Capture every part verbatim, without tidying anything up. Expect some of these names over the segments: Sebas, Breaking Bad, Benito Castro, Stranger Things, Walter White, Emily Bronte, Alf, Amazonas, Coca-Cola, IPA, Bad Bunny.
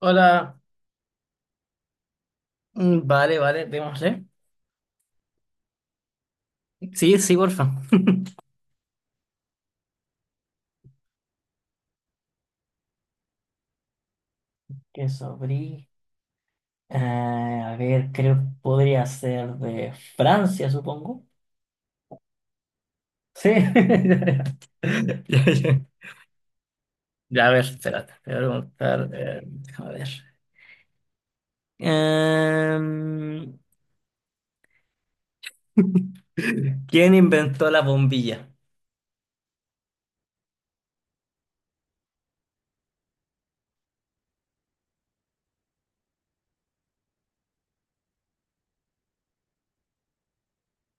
Hola. Mm, vale, vale, démosle. Sí, sí, porfa. Queso brie. Eh, a ver, creo que podría ser de Francia, supongo. Sí. Ya, ya. Ya, a ver, espérate, te voy a preguntar. Eh, déjame ver. Em, ¿Quién inventó la bombilla?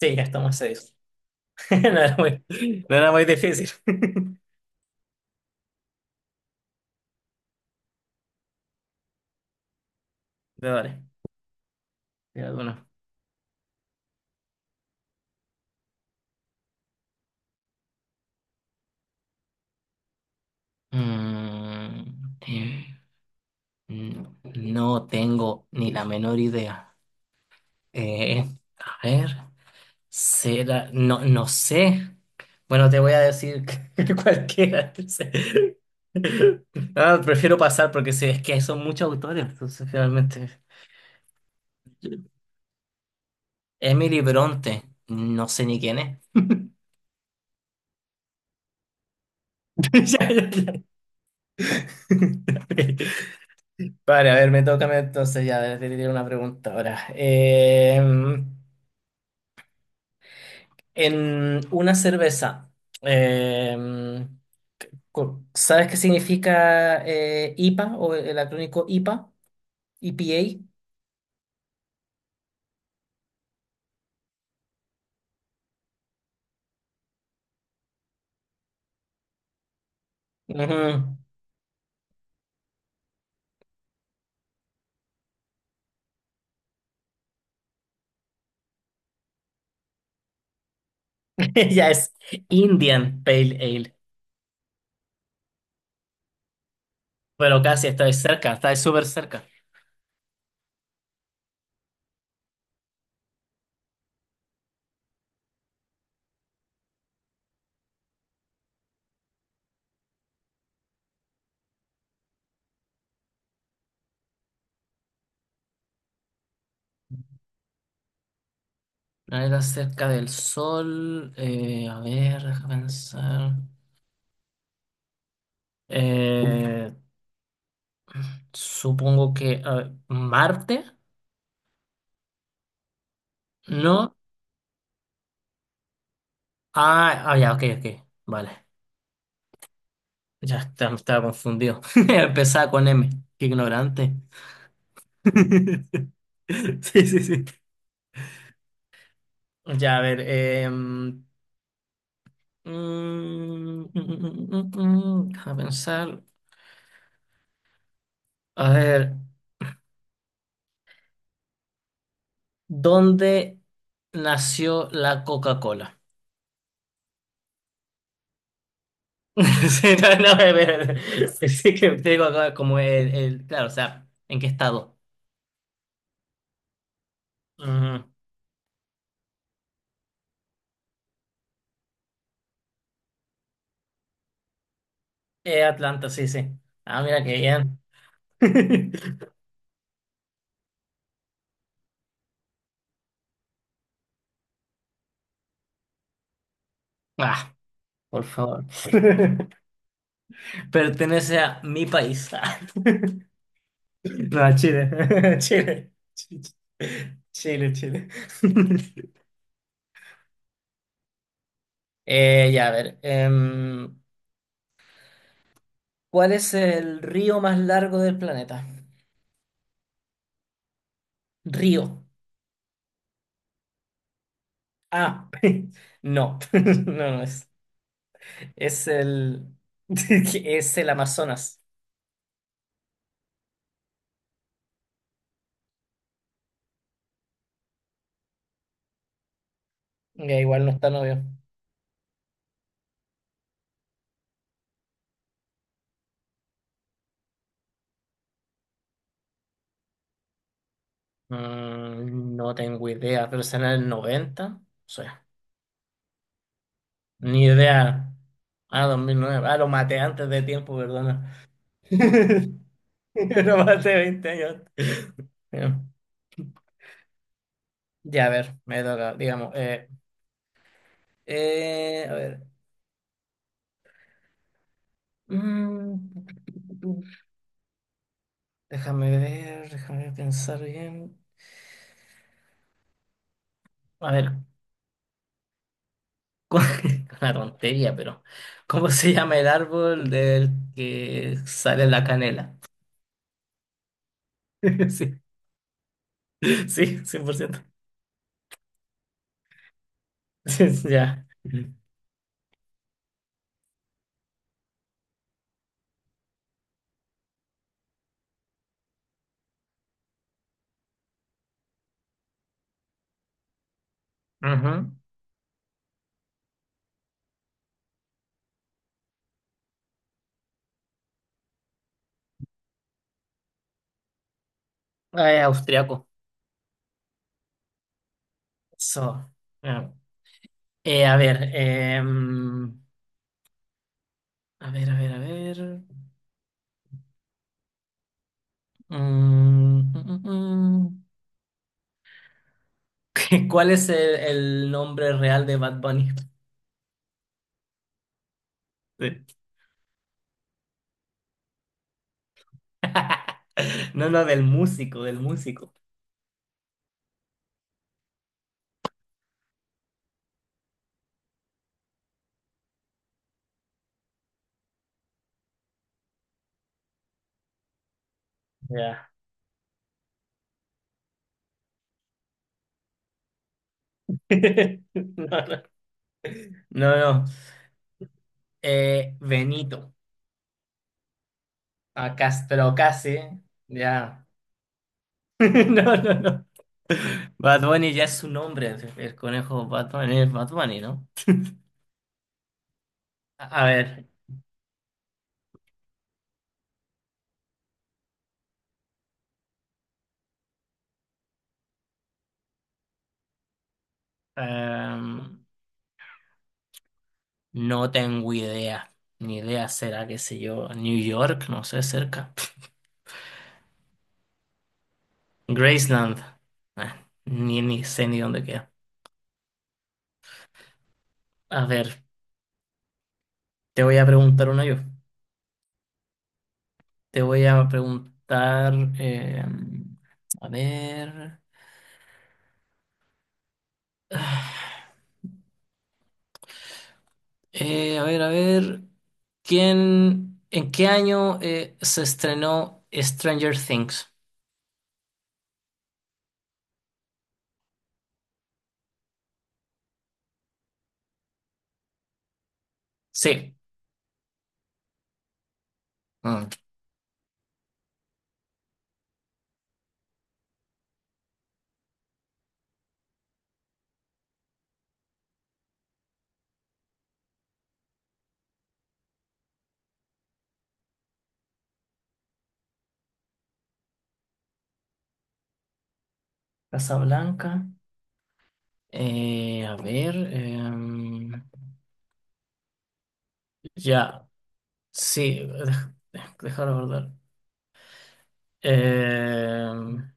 Sí, ya estamos serios. No era muy, no era muy difícil. Vale, te hago una. Mm. eh, No, no tengo ni la menor idea. Eh, a ver, será, no, no sé. Bueno, te voy a decir que cualquiera. Sí. Ah, prefiero pasar porque sé es que son muchos autores, entonces realmente. Emily Bronte, no sé ni quién es. Ya, ya, ya. Vale, a ver, me toca a mí entonces ya te diré una pregunta ahora. Eh, en una cerveza. eh, Co- ¿Sabes qué significa eh, I P A o el acrónico I P A? E P A. Ujú. Ya es Indian Pale Ale. Pero casi estáis cerca, estáis súper cerca. Planeta cerca del Sol. Eh, a ver, déjame pensar. Eh, Supongo que a- Marte, ¿no? Ah, ah, ya, ok, ok. Vale. Ya está- estaba confundido. Empezaba con M. Qué ignorante. Sí, sí, sí. Ya, a ver. Em, mm, mm, mm, mm, mm, mm, déjame pensar. A ver, ¿dónde nació la Coca-Cola? Sí, no, no, a ver, a ver. Sí que te digo acá como el, el- claro, o sea, ¿en qué estado? Ujú. Eh, Atlanta, sí, sí. Ah, mira qué bien. Ah, por favor. Pertenece a mi país. Ah, no, a Chile. Chile. Chile, Chile. Eh, ya, a ver. Em, ¿cuál es el río más largo del planeta? Río. Ah, no. No, no es. Es el. Es el Amazonas. Ya, igual no está novio. Mm, no tengo idea, pero será en el noventa. O sea, ni idea. Ah, dos mil nueve. Ah, lo maté antes de tiempo, perdona. Lo maté veinte años antes. Ya, a ver, me toca, digamos. Eh, eh, a ver. Mm, Déjame ver, déjame pensar bien. A ver, ¿cuál- una tontería, pero ¿cómo se llama el árbol del que sale la canela? Sí, sí, cien por ciento. Sí, sí, ya. Ujú. Ah, es austriaco. Eso. Ya. Eh, a ver, em, a ver, a ver, a ver. Mm, mm, mm, mm. ¿Cuál es el, el nombre real de Bad Bunny? Sí. No, no, del músico, del músico. Ya. No, no. No, no. Eh, Benito. A Castro Casi. Ya. No, no, no. Bad Bunny ya es su nombre. El conejo Bad Bunny es Bad Bunny, ¿no? A a ver. em, no tengo idea. Ni idea será, qué sé yo. New York, no sé, cerca. Graceland. Ah, ni, ni sé ni dónde queda. A ver, te voy a preguntar una yo. Te voy a preguntar, eh, a ver, ah, eh, a ver, a ver, ¿quién, ¿en qué año eh, se estrenó Stranger Things? Sí. Mm. Casablanca. Eh, a ver, em, ya, sí, dej- dej- dejar abordar. Em,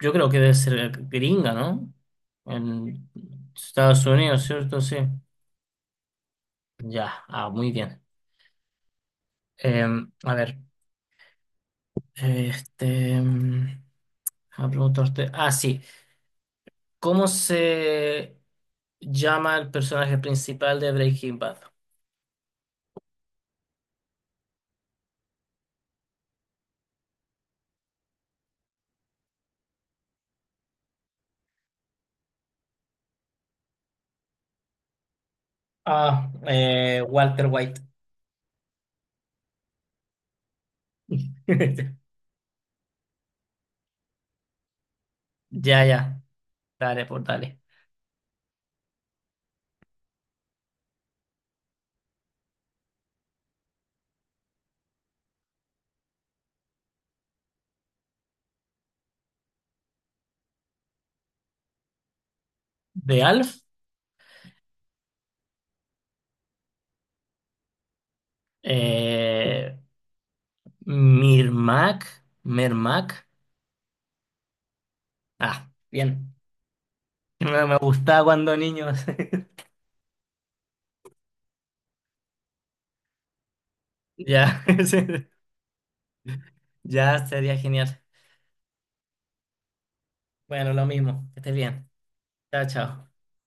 yo creo que debe ser gringa, ¿no? En Estados Unidos, ¿cierto? Sí. Ya, ah, muy bien. Em, a ver, este, em, a preguntarte, ah, sí, ¿cómo se llama el personaje principal de Breaking Bad? Ah, eh, Walter White. Ya, ya, dale, por dale. ¿De Alf? Eh, Mirmac, Mermac. Ah, bien. No me gustaba cuando niño. Ya, ya sería genial. Bueno, lo mismo, que estés bien. Chao, chao.